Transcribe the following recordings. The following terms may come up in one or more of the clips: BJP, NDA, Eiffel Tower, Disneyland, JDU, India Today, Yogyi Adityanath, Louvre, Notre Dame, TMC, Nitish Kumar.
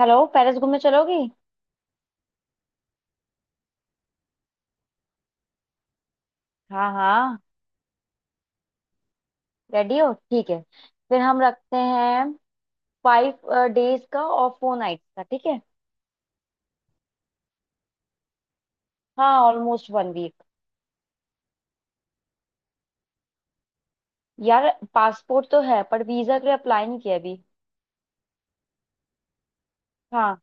Hello. Paris घूमने चलोगी? हाँ हाँ, रेडी हो? ठीक है, फिर हम रखते हैं 5 डेज का और 4 नाइट्स का, ठीक है। हाँ, ऑलमोस्ट वन वीक। यार, पासपोर्ट तो है पर वीजा के लिए अप्लाई नहीं किया अभी। हाँ,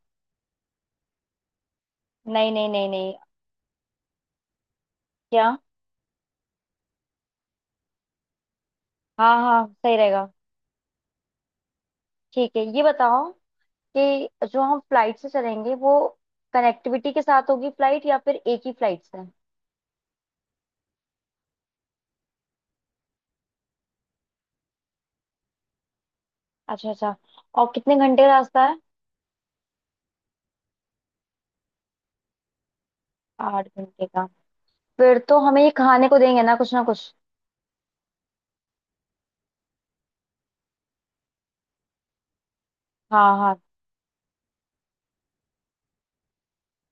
नहीं नहीं नहीं नहीं। क्या? हाँ हाँ, सही रहेगा। ठीक है, ये बताओ कि जो हम फ्लाइट से चलेंगे वो कनेक्टिविटी के साथ होगी फ्लाइट या फिर एक ही फ्लाइट से? अच्छा अच्छा, और कितने घंटे का रास्ता है? 8 घंटे का? फिर तो हमें ये खाने को देंगे ना कुछ ना कुछ। हाँ हाँ,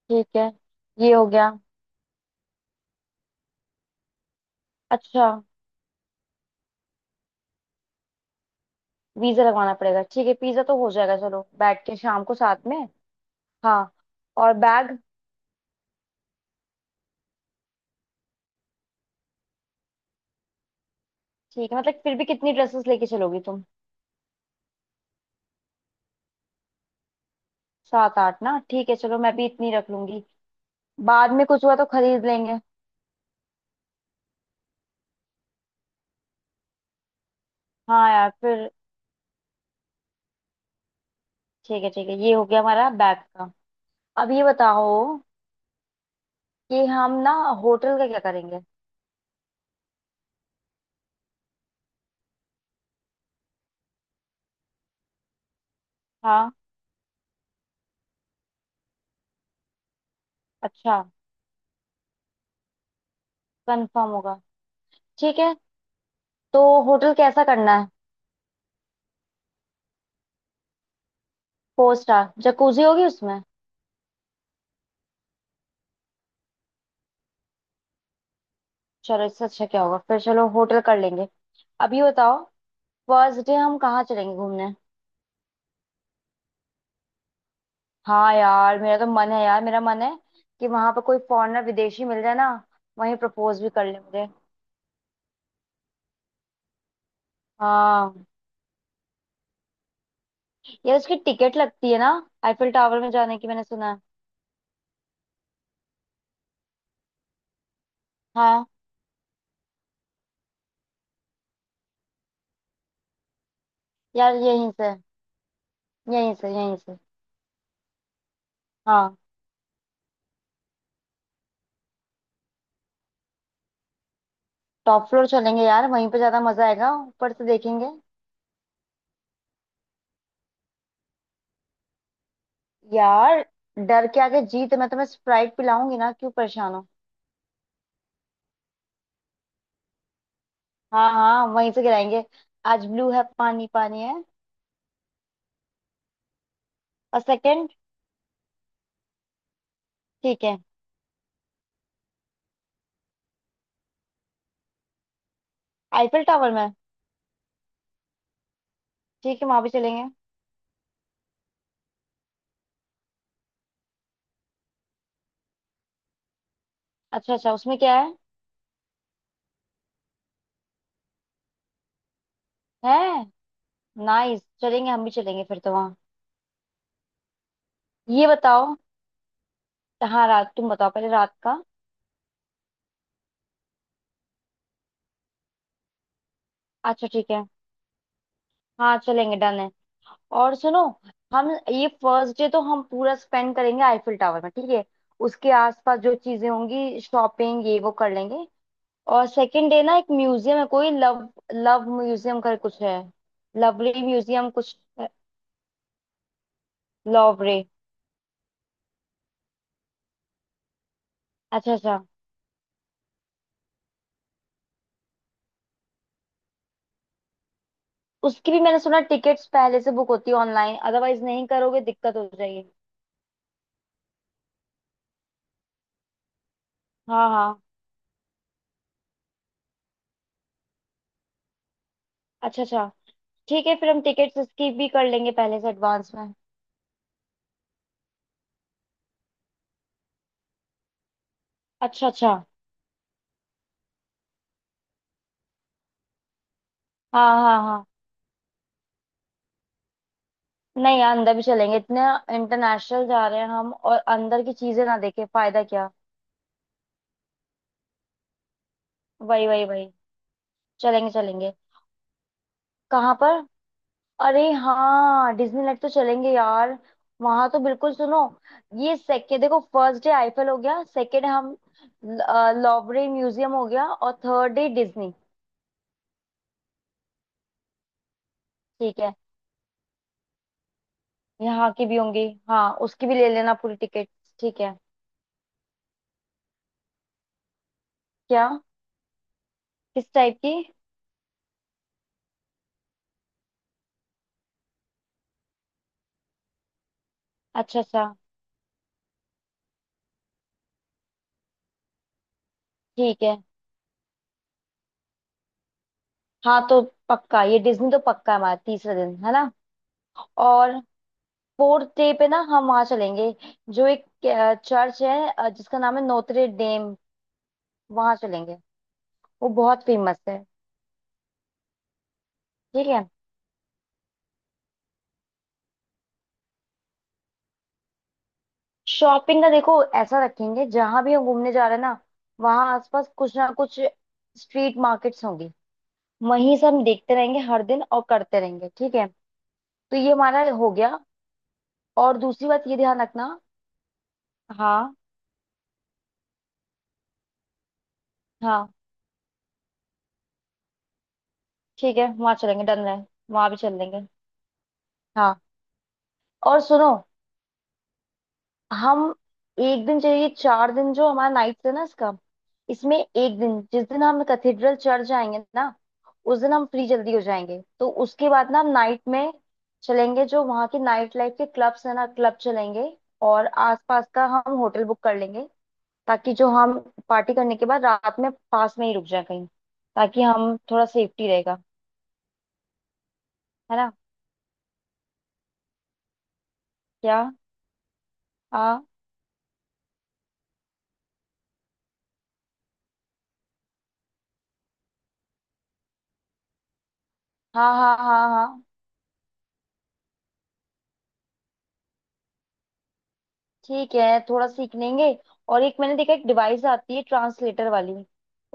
ठीक है, ये हो गया। अच्छा, वीजा लगवाना पड़ेगा, ठीक है, पिज्जा तो हो जाएगा, चलो बैठ के शाम को साथ में। हाँ, और बैग? ठीक है, मतलब फिर भी कितनी ड्रेसेस लेके चलोगी तुम? 7 8 ना, ठीक है, चलो मैं भी इतनी रख लूंगी। बाद में कुछ हुआ तो खरीद लेंगे। हाँ यार, फिर ठीक है ठीक है, ये हो गया हमारा बैग का। अब ये बताओ कि हम ना होटल का क्या करेंगे? हाँ, अच्छा, कंफर्म होगा? ठीक है, तो होटल कैसा करना है? 4 स्टार, जकूजी होगी उसमें? चलो, इससे अच्छा क्या होगा, फिर चलो होटल कर लेंगे। अब ये बताओ, फर्स्ट डे हम कहाँ चलेंगे घूमने? हाँ यार, मेरा तो मन है, यार मेरा मन है कि वहां पर कोई फॉरेनर, विदेशी मिल जाए ना, वहीं प्रपोज भी कर ले मुझे। हाँ, यार उसकी टिकट लगती है ना आईफिल टावर में जाने की, मैंने सुना है। हाँ यार, यहीं से, यहीं से यहीं से। हाँ, टॉप फ्लोर चलेंगे यार, वहीं पे ज्यादा मजा आएगा, ऊपर से देखेंगे। यार, डर के आगे जीत, मैं तुम्हें स्प्राइट पिलाऊंगी ना, क्यों परेशान हो। हाँ हाँ, वहीं से गिराएंगे। आज ब्लू है, पानी पानी है। और सेकंड, ठीक है, आईफिल टावर में? ठीक है, वहां भी चलेंगे। अच्छा अच्छा, उसमें क्या है? है? नाइस, चलेंगे, हम भी चलेंगे फिर तो वहाँ। ये बताओ, हाँ रात तुम बताओ पहले, रात का। अच्छा, ठीक है, हाँ चलेंगे, डन है। और सुनो, हम ये फर्स्ट डे तो हम पूरा स्पेंड करेंगे आईफिल टावर में, ठीक है। उसके आसपास जो चीजें होंगी शॉपिंग ये वो कर लेंगे। और सेकंड डे ना एक म्यूजियम है, कोई लव लव म्यूजियम कर कुछ है, लवली म्यूजियम कुछ, लवरे। अच्छा अच्छा। उसकी भी मैंने सुना टिकट्स पहले से बुक होती है ऑनलाइन, अदरवाइज नहीं करोगे दिक्कत हो जाएगी। हाँ हाँ, अच्छा अच्छा। ठीक है, फिर हम टिकट्स इसकी भी कर लेंगे पहले से एडवांस में। अच्छा अच्छा, हाँ हाँ हाँ। नहीं यार, अंदर भी चलेंगे, इतने इंटरनेशनल जा रहे हैं हम और अंदर की चीजें ना देखे, फायदा क्या। वही वही वही, चलेंगे चलेंगे। कहाँ पर? अरे हाँ, डिज्नीलैंड तो चलेंगे यार, वहां तो बिल्कुल, सुनो, ये सेकेंड, देखो फर्स्ट डे आईफल हो गया, सेकेंड हम लॉवरे म्यूजियम हो गया, और थर्ड डे डिज्नी। ठीक है, यहाँ की भी होंगी, हाँ उसकी भी ले लेना पूरी टिकट। ठीक है। क्या? किस टाइप की? अच्छा अच्छा, ठीक है, हाँ तो पक्का, ये डिज्नी तो पक्का है, हमारा तीसरा दिन है ना। और फोर्थ डे पे ना हम वहाँ चलेंगे जो एक चर्च है जिसका नाम है नोत्रे डेम, वहां चलेंगे, वो बहुत फेमस है। ठीक है, शॉपिंग का देखो ऐसा रखेंगे, जहां भी हम घूमने जा रहे हैं ना वहां आसपास कुछ ना कुछ स्ट्रीट मार्केट्स होंगी, वहीं से हम देखते रहेंगे हर दिन और करते रहेंगे, ठीक है। तो ये हमारा हो गया, और दूसरी बात ये ध्यान रखना। हाँ हाँ, ठीक है, वहां चलेंगे, डन है, वहां भी चल लेंगे। हाँ और सुनो, हम एक दिन चाहिए, चार दिन जो हमारा नाइट है ना इसका, इसमें एक दिन जिस दिन हम कैथेड्रल चर्च जाएंगे ना, उस दिन हम फ्री जल्दी हो जाएंगे तो उसके बाद ना हम नाइट में चलेंगे, जो वहाँ के नाइट लाइफ के क्लब्स है ना, क्लब चलेंगे। और आसपास का हम होटल बुक कर लेंगे ताकि जो हम पार्टी करने के बाद रात में पास में ही रुक जाए कहीं, ताकि हम थोड़ा सेफ्टी रहेगा, है ना। क्या? हाँ हाँ हाँ हाँ हाँ। ठीक है, थोड़ा सीख लेंगे। और एक मैंने देखा एक डिवाइस आती है ट्रांसलेटर वाली,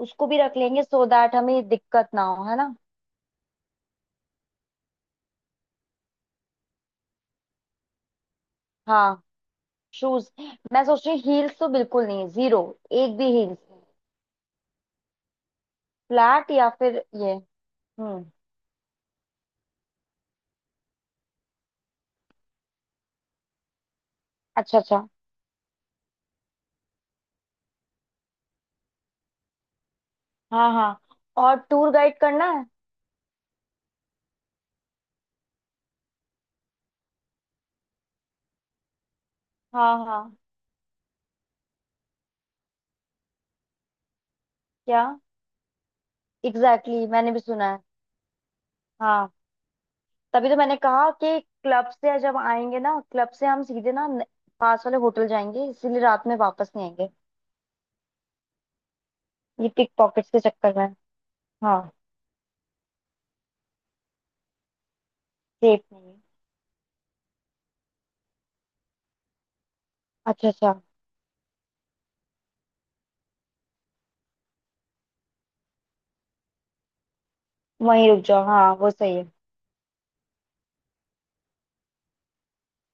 उसको भी रख लेंगे, सो दैट हमें दिक्कत ना हो, है ना। हाँ, शूज। मैं सोच रही हूँ हील्स तो बिल्कुल नहीं है, जीरो, एक भी हील्स। फ्लैट या फिर ये, हम्म, अच्छा अच्छा, हाँ हाँ। और टूर गाइड करना है? हाँ हाँ। क्या? एग्जैक्टली exactly, मैंने भी सुना है। हाँ, तभी तो मैंने कहा कि क्लब से जब आएंगे ना, क्लब से हम सीधे ना पास वाले होटल जाएंगे, इसीलिए रात में वापस नहीं आएंगे, ये पिक पॉकेट के चक्कर में। हाँ, सेफ नहीं है? अच्छा अच्छा, वहीं रुक जाओ, हाँ वो सही है।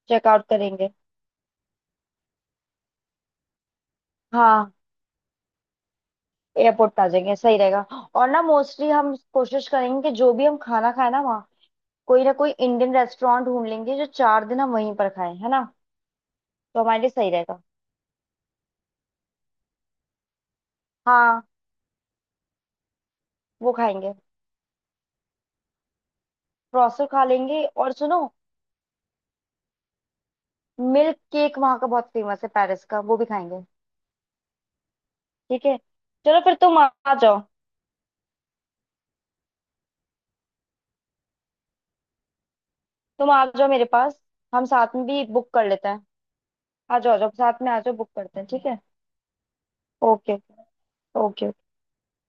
चेकआउट करेंगे। हाँ, एयरपोर्ट पे आ जाएंगे, सही रहेगा। और ना मोस्टली हम कोशिश करेंगे कि जो भी हम खाना खाए ना वहाँ, कोई ना कोई इंडियन रेस्टोरेंट ढूंढ लेंगे, जो 4 दिन हम वहीं पर खाएं, है ना। तो हमारे लिए सही रहेगा। हाँ, वो खाएंगे, प्रोसो खा लेंगे। और सुनो, मिल्क केक वहाँ का बहुत फेमस है पेरिस का, वो भी खाएंगे। ठीक है, चलो, फिर तुम आ आ जाओ, तुम आ जाओ मेरे पास, हम साथ में भी बुक कर लेते हैं। आ जाओ आ जाओ, साथ में आ जाओ, बुक करते हैं, ठीक है। Okay, okay.